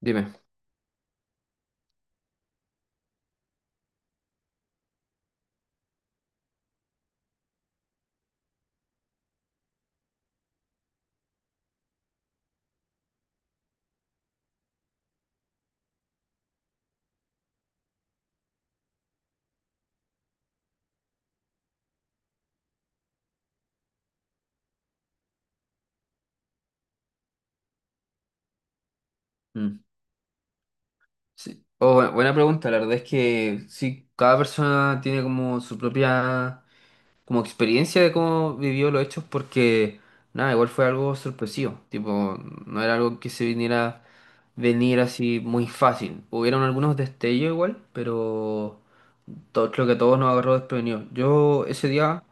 Dime. Mm, sí. Oh, buena pregunta. La verdad es que sí, cada persona tiene como su propia como experiencia de cómo vivió los hechos porque nada, igual fue algo sorpresivo. Tipo, no era algo que se viniera venir así muy fácil. Hubieron algunos destellos igual, pero todo, creo que a todos nos agarró desprevenidos. Yo ese día,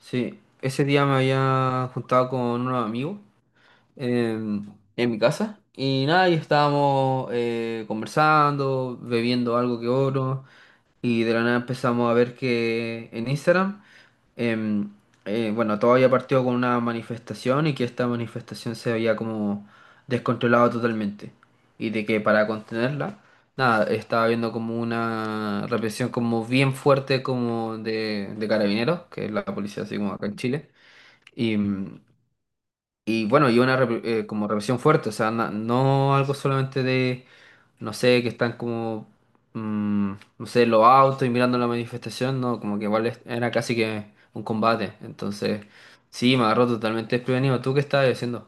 sí, ese día me había juntado con unos amigos em, en mi casa. Y nada, y estábamos conversando, bebiendo algo que otro. Y de la nada empezamos a ver que en Instagram, em, bueno, todo había partido con una manifestación y que esta manifestación se había como descontrolado totalmente. Y de que para contenerla, nada, estaba viendo como una represión como bien fuerte como de carabineros, que es la policía así como acá en Chile. Y, mm, y bueno, y una como represión fuerte, o sea, no algo solamente de, no sé, que están como, mm, no sé, los autos y mirando la manifestación, no, como que igual era casi que un combate. Entonces, sí, me agarró totalmente desprevenido. ¿Tú qué estabas haciendo?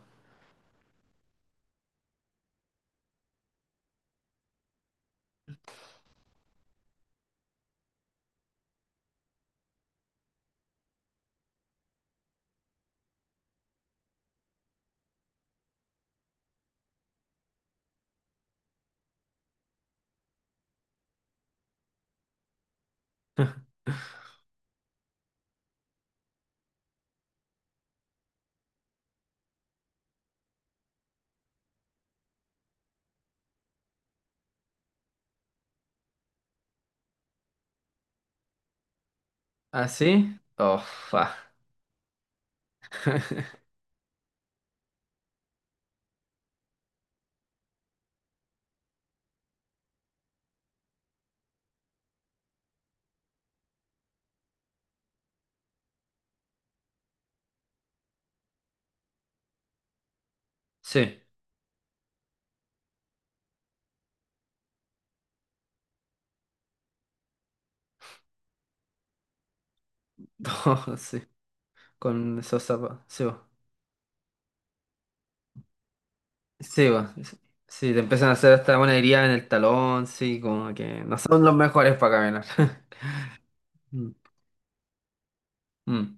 ¿Ah, sí? Oh, fa. Sí, Oh, sí, con esos zapatos, sí, va. Sí, va. Sí, te empiezan a hacer hasta una herida en el talón, sí, como que no son los mejores para caminar. Mm. Mm.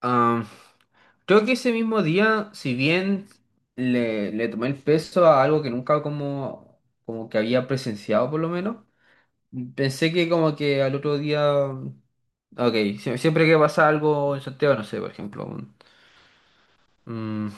Ah, creo que ese mismo día, si bien le tomé el peso a algo que nunca como, como que había presenciado por lo menos, pensé que como que al otro día, ok, siempre que pasa algo en Santiago, no sé, por ejemplo, mm,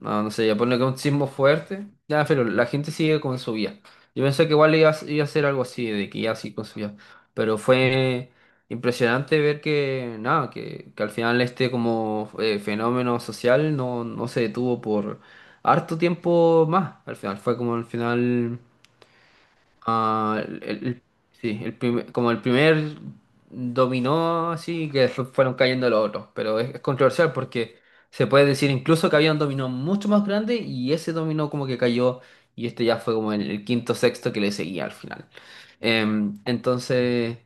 no, no sé, ya pone que un sismo fuerte. Ya, pero la gente sigue con su vida. Yo pensé que igual iba, a iba a ser algo así, de que ya sí con su vida. Pero fue impresionante ver que, nada, que al final este como fenómeno social no, no se detuvo por harto tiempo más. Al final fue como al final Ah, el- el- sí, como el primer dominó así que fueron cayendo los otros, pero es controversial porque se puede decir incluso que había un dominó mucho más grande y ese dominó como que cayó y este ya fue como el quinto sexto que le seguía al final. Entonces,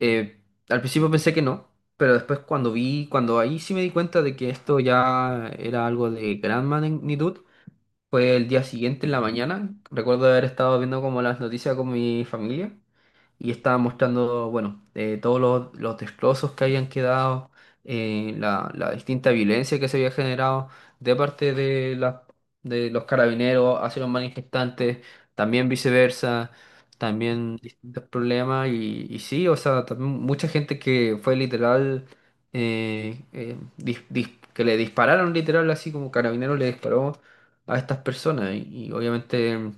eh, al principio pensé que no, pero después cuando vi, cuando ahí sí me di cuenta de que esto ya era algo de gran magnitud, fue el día siguiente en la mañana. Recuerdo haber estado viendo como las noticias con mi familia y estaba mostrando, bueno, todos los destrozos que habían quedado, la, la distinta violencia que se había generado de parte de los carabineros hacia los manifestantes, también viceversa, también distintos problemas y sí, o sea, también mucha gente que fue literal, que le dispararon literal, así como carabineros le disparó a estas personas y obviamente...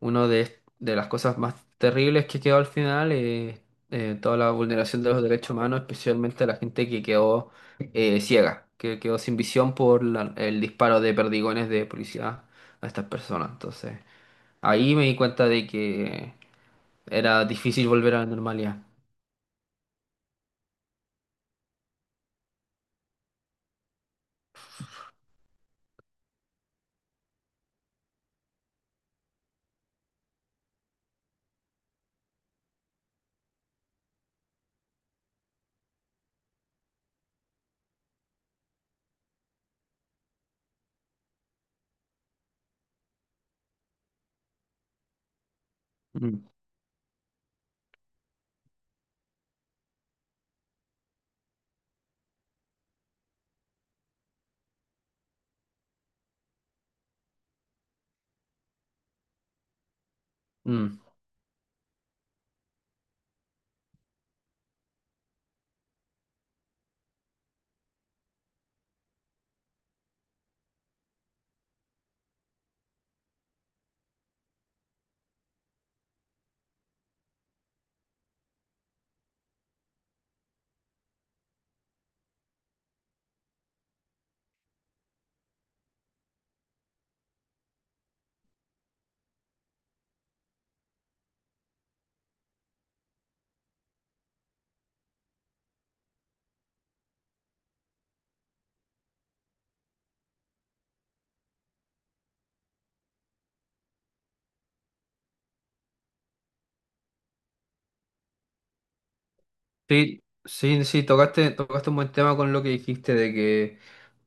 Uno de las cosas más terribles que quedó al final es toda la vulneración de los derechos humanos, especialmente a la gente que quedó ciega, que quedó sin visión por el disparo de perdigones de policía a estas personas. Entonces, ahí me di cuenta de que era difícil volver a la normalidad. Mm, mm. Sí, sí, sí, tocaste, tocaste un buen tema con lo que dijiste de que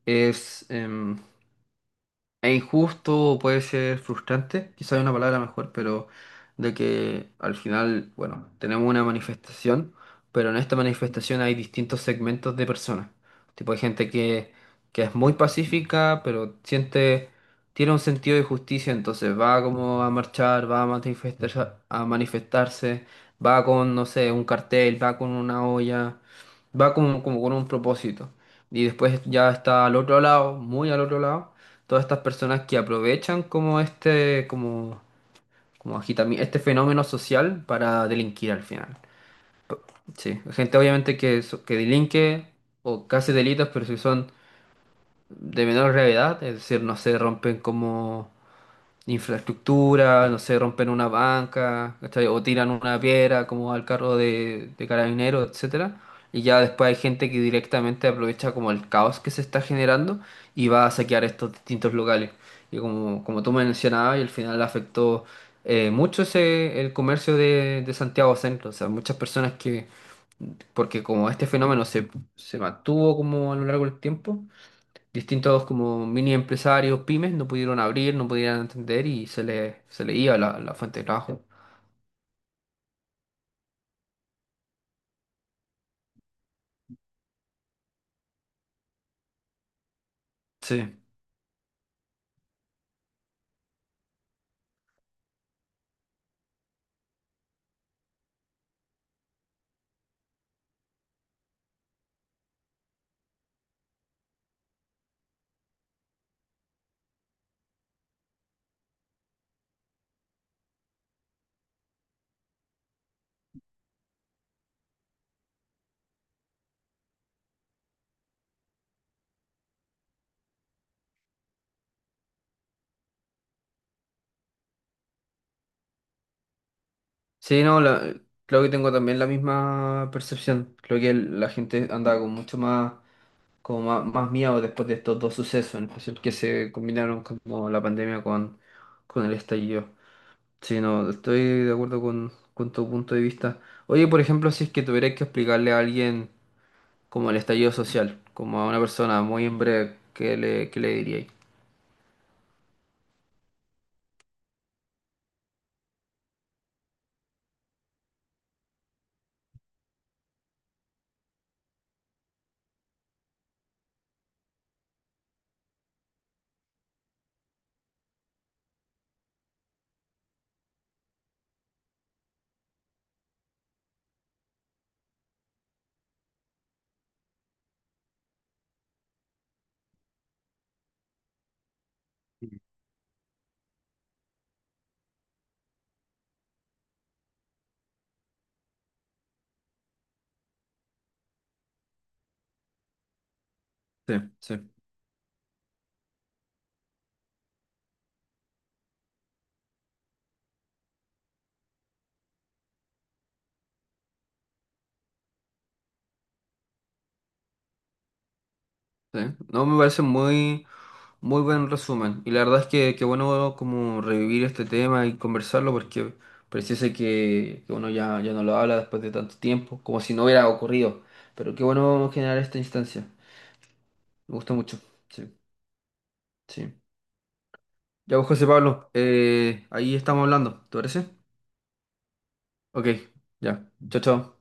es... es injusto o puede ser frustrante, quizá hay una palabra mejor, pero de que al final, bueno, tenemos una manifestación, pero en esta manifestación hay distintos segmentos de personas. Tipo, hay gente que es muy pacífica, pero siente, tiene un sentido de justicia, entonces va como a marchar, va a manifestar, a manifestarse, va con, no sé, un cartel, va con una olla, va como, como con un propósito. Y después ya está al otro lado, muy al otro lado todas estas personas que aprovechan como este, como, este fenómeno social para delinquir al final. Sí, gente obviamente que delinque o casi delitos, pero si son de menor gravedad, es decir, no se rompen como infraestructura, no sé, rompen una banca, ¿cachai? O tiran una piedra como al carro de carabineros, etcétera. Y ya después hay gente que directamente aprovecha como el caos que se está generando y va a saquear estos distintos locales. Y como, como tú mencionabas, y al final afectó mucho ese, el comercio de Santiago Centro. O sea, muchas personas que, porque como este fenómeno se, se mantuvo como a lo largo del tiempo, distintos como mini empresarios, pymes, no pudieron abrir, no pudieron entender y se les se le iba la, la fuente de trabajo. Sí, sí, no, creo que tengo también la misma percepción. Creo que la gente andaba con mucho más, como más, más miedo después de estos dos sucesos, en especial que se combinaron como la pandemia con el estallido. Sí, no, estoy de acuerdo con tu punto de vista. Oye, por ejemplo, si es que tuvieras que explicarle a alguien como el estallido social, como a una persona muy en breve, qué le diríais? Sí, sí. ¿Sí? No, me parece muy, muy buen resumen. Y la verdad es que bueno como revivir este tema y conversarlo porque pareciese que uno ya, ya no lo habla después de tanto tiempo, como si no hubiera ocurrido. Pero qué bueno generar esta instancia. Me gusta mucho. Sí, sí. Ya pues, José Pablo, ahí estamos hablando, ¿te parece? Ok, ya. Chao, chao.